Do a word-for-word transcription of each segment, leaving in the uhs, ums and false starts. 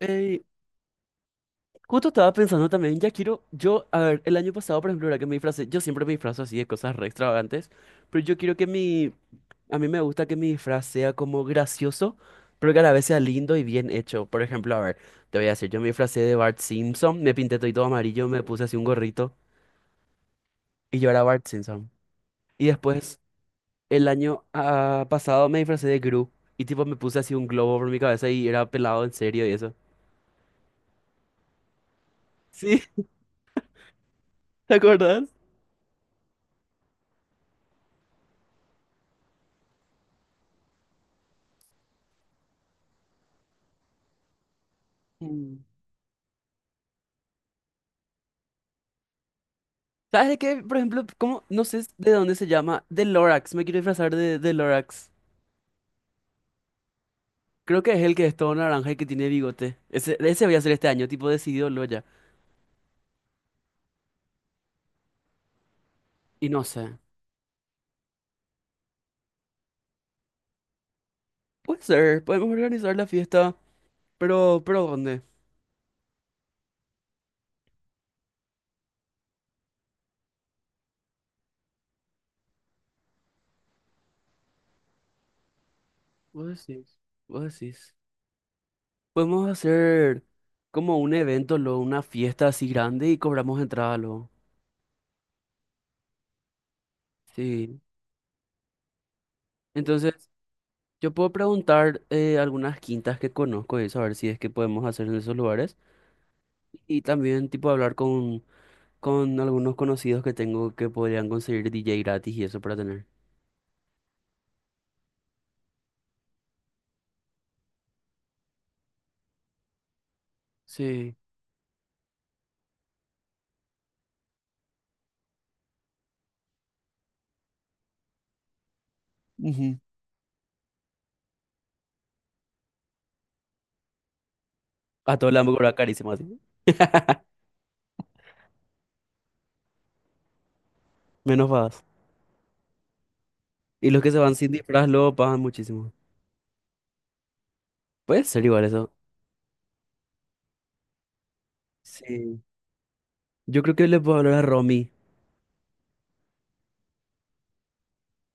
Ey, justo estaba pensando también, ya quiero, yo, a ver, el año pasado, por ejemplo, era que me disfracé, yo siempre me disfrazo así de cosas re extravagantes, pero yo quiero que mi, a mí me gusta que mi disfraz sea como gracioso, pero que a la vez sea lindo y bien hecho. Por ejemplo, a ver, te voy a decir, yo me disfracé de Bart Simpson, me pinté todo amarillo, me puse así un gorrito y yo era Bart Simpson. Y después, el año ah, pasado me disfracé de Gru y tipo me puse así un globo por mi cabeza y era pelado en serio y eso. ¿Sí? ¿Te acuerdas? ¿Sabes de qué? Por ejemplo, ¿cómo? No sé de dónde se llama. De Lorax. Me quiero disfrazar de, de Lorax. Creo que es el que es todo naranja y que tiene bigote. Ese, ese voy a hacer este año, tipo decidido lo ya. Y no sé. Puede ser, podemos organizar la fiesta. Pero, pero ¿dónde? Vos decís, vos decís. Podemos hacer como un evento, luego una fiesta así grande y cobramos entrada luego. Sí. Entonces, yo puedo preguntar eh, algunas quintas que conozco y eso, a ver si es que podemos hacer en esos lugares. Y también, tipo, hablar con con algunos conocidos que tengo que podrían conseguir D J gratis y eso para tener. Sí. Ujú. A todos les vamos a carísimo así. Menos pagas. Y los que se van sin disfraz luego pagan muchísimo. Puede ser igual eso. Sí. Yo creo que le puedo hablar a Romy.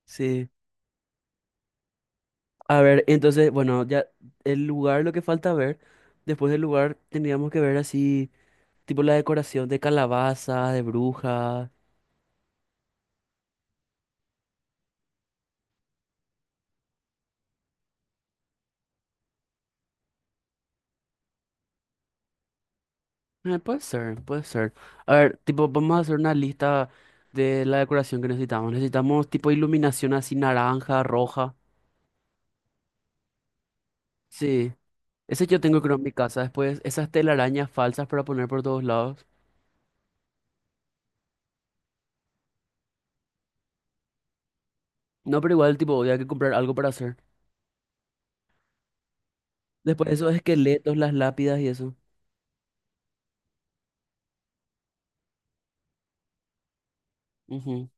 Sí. A ver, entonces, bueno, ya el lugar, lo que falta ver. Después del lugar teníamos que ver así, tipo la decoración de calabazas, de brujas. Eh, puede ser, puede ser. A ver, tipo, vamos a hacer una lista de la decoración que necesitamos. Necesitamos tipo iluminación así naranja, roja. Sí, ese yo tengo creo en mi casa. Después, esas telarañas falsas para poner por todos lados. No, pero igual, tipo, había que comprar algo para hacer. Después, esos esqueletos, las lápidas y eso. Ujú.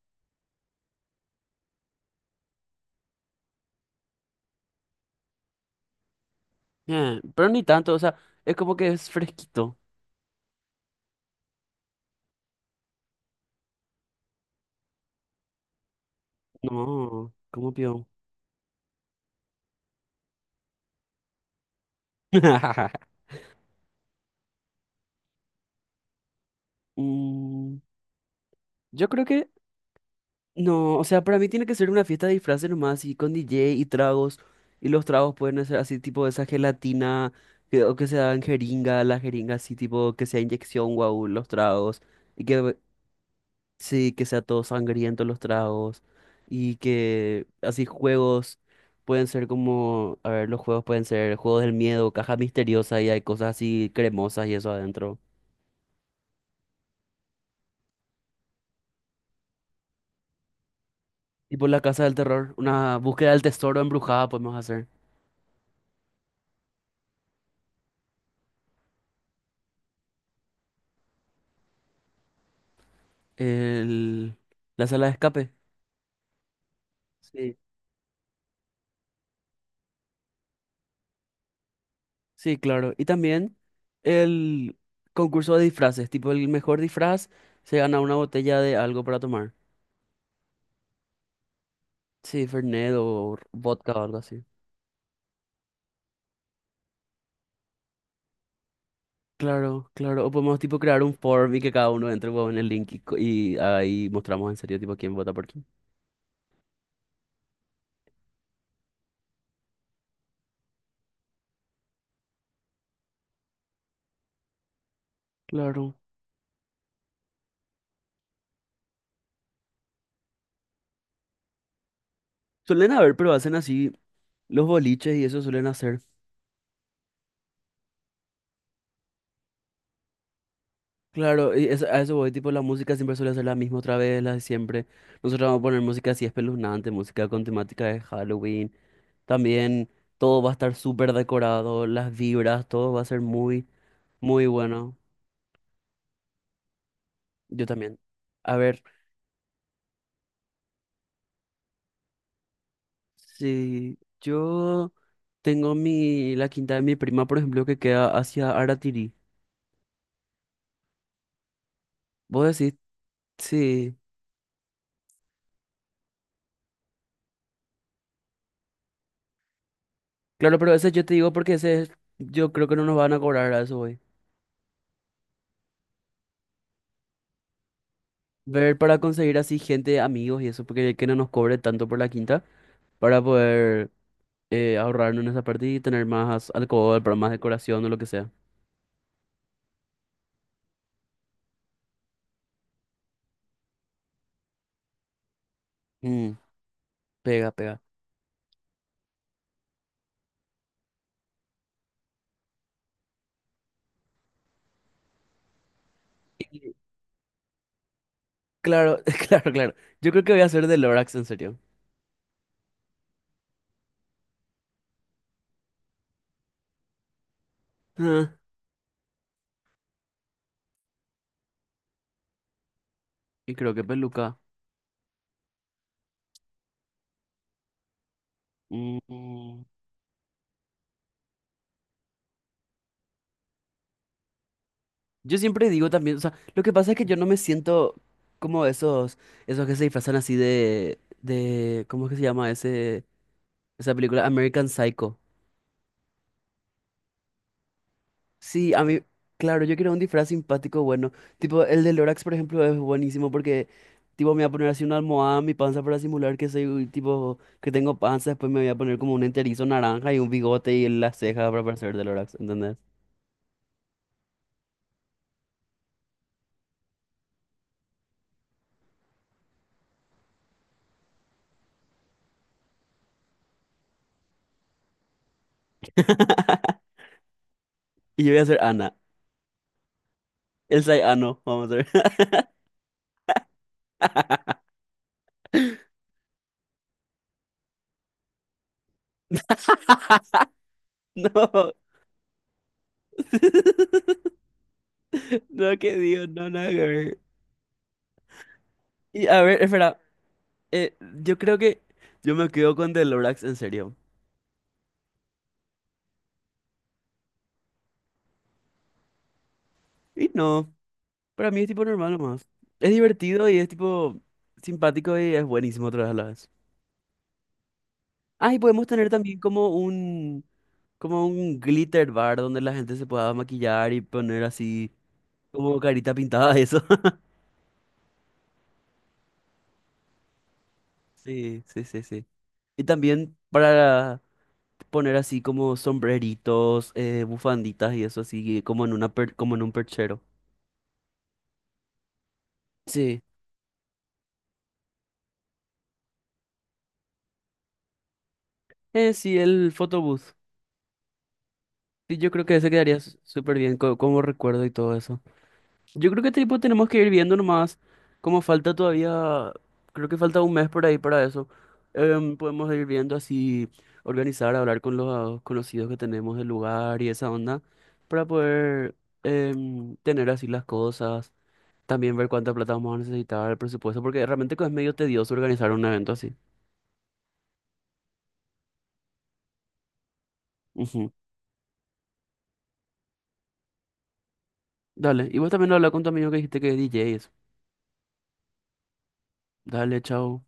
Eh, pero ni tanto, o sea, es como que es fresquito. No, como peón. Mm, yo creo que no, o sea, para mí tiene que ser una fiesta de disfraces nomás, y con D J y tragos. Y los tragos pueden ser así, tipo esa gelatina, que, o que se dan jeringa, la jeringa así, tipo que sea inyección, guau, los tragos. Y que sí, que sea todo sangriento los tragos. Y que así juegos pueden ser como, a ver, los juegos pueden ser juegos del miedo, caja misteriosa y hay cosas así cremosas y eso adentro. Tipo la casa del terror, una búsqueda del tesoro embrujada podemos hacer. El... La sala de escape. Sí, sí, claro. Y también el concurso de disfraces, tipo el mejor disfraz se gana una botella de algo para tomar. Sí, Fernet o vodka o algo así. Claro, claro. O podemos tipo crear un form y que cada uno entre huevón, en el link y, co- y ahí mostramos en serio tipo quién vota por quién. Claro. Suelen haber, pero hacen así los boliches y eso suelen hacer. Claro, y eso- a eso voy, tipo la música siempre suele ser la misma otra vez, la de siempre. Nosotros vamos a poner música así espeluznante, música con temática de Halloween. También todo va a estar súper decorado, las vibras, todo va a ser muy, muy bueno. Yo también. A ver, si yo tengo mi, la quinta de mi prima, por ejemplo, que queda hacia Aratiri. Vos decís, sí. Claro, pero ese yo te digo porque ese es- yo creo que no nos van a cobrar a eso hoy. Ver para conseguir así gente, amigos y eso, porque que no nos cobre tanto por la quinta, para poder eh, ahorrarnos en esa parte y tener más alcohol, para más decoración o lo que sea. Mm, pega, pega. Claro, claro, claro. Yo creo que voy a hacer de Lorax, en serio. Ah, y creo que peluca. Mm. Mm. Yo siempre digo también, o sea, lo que pasa es que yo no me siento como esos, esos que se disfrazan así de, de, ¿cómo es que se llama ese, esa película? American Psycho. Sí, a mí, claro, yo quiero un disfraz simpático bueno. Tipo, el de Lorax, por ejemplo, es buenísimo porque, tipo, me voy a poner así una almohada en mi panza para simular que soy, tipo, que tengo panza. Después me voy a poner como un enterizo naranja y un bigote y las cejas para parecer de Lorax, ¿entendés? Y yo voy a ser Ana. El Ano, vamos a ver. No. No, que Dios, no, nada que ver. Y a ver, espera, eh, yo creo que yo me quedo con The Lorax, en serio. Y no. Para mí es tipo normal nomás. Es divertido y es tipo simpático y es buenísimo otra vez a la vez. Ah, y podemos tener también como un, como un glitter bar donde la gente se pueda maquillar y poner así como carita pintada, eso. Sí, sí, sí, sí. Y también para poner así como sombreritos, eh, bufanditas y eso así, como en una per- como en un perchero. Sí, eh, sí, el photobooth. Sí, yo creo que ese quedaría s- súper bien co- como recuerdo y todo eso. Yo creo que tipo tenemos que ir viendo nomás, como falta todavía, creo que falta un mes por ahí para eso. Em, podemos ir viendo así, organizar, hablar con los conocidos que tenemos del lugar y esa onda, para poder em, tener así las cosas, también ver cuánta plata vamos a necesitar, el presupuesto, porque realmente es medio tedioso organizar un evento así. Ujú. Dale, y vos también habla con tu amigo que dijiste que es D J, y dale, chao.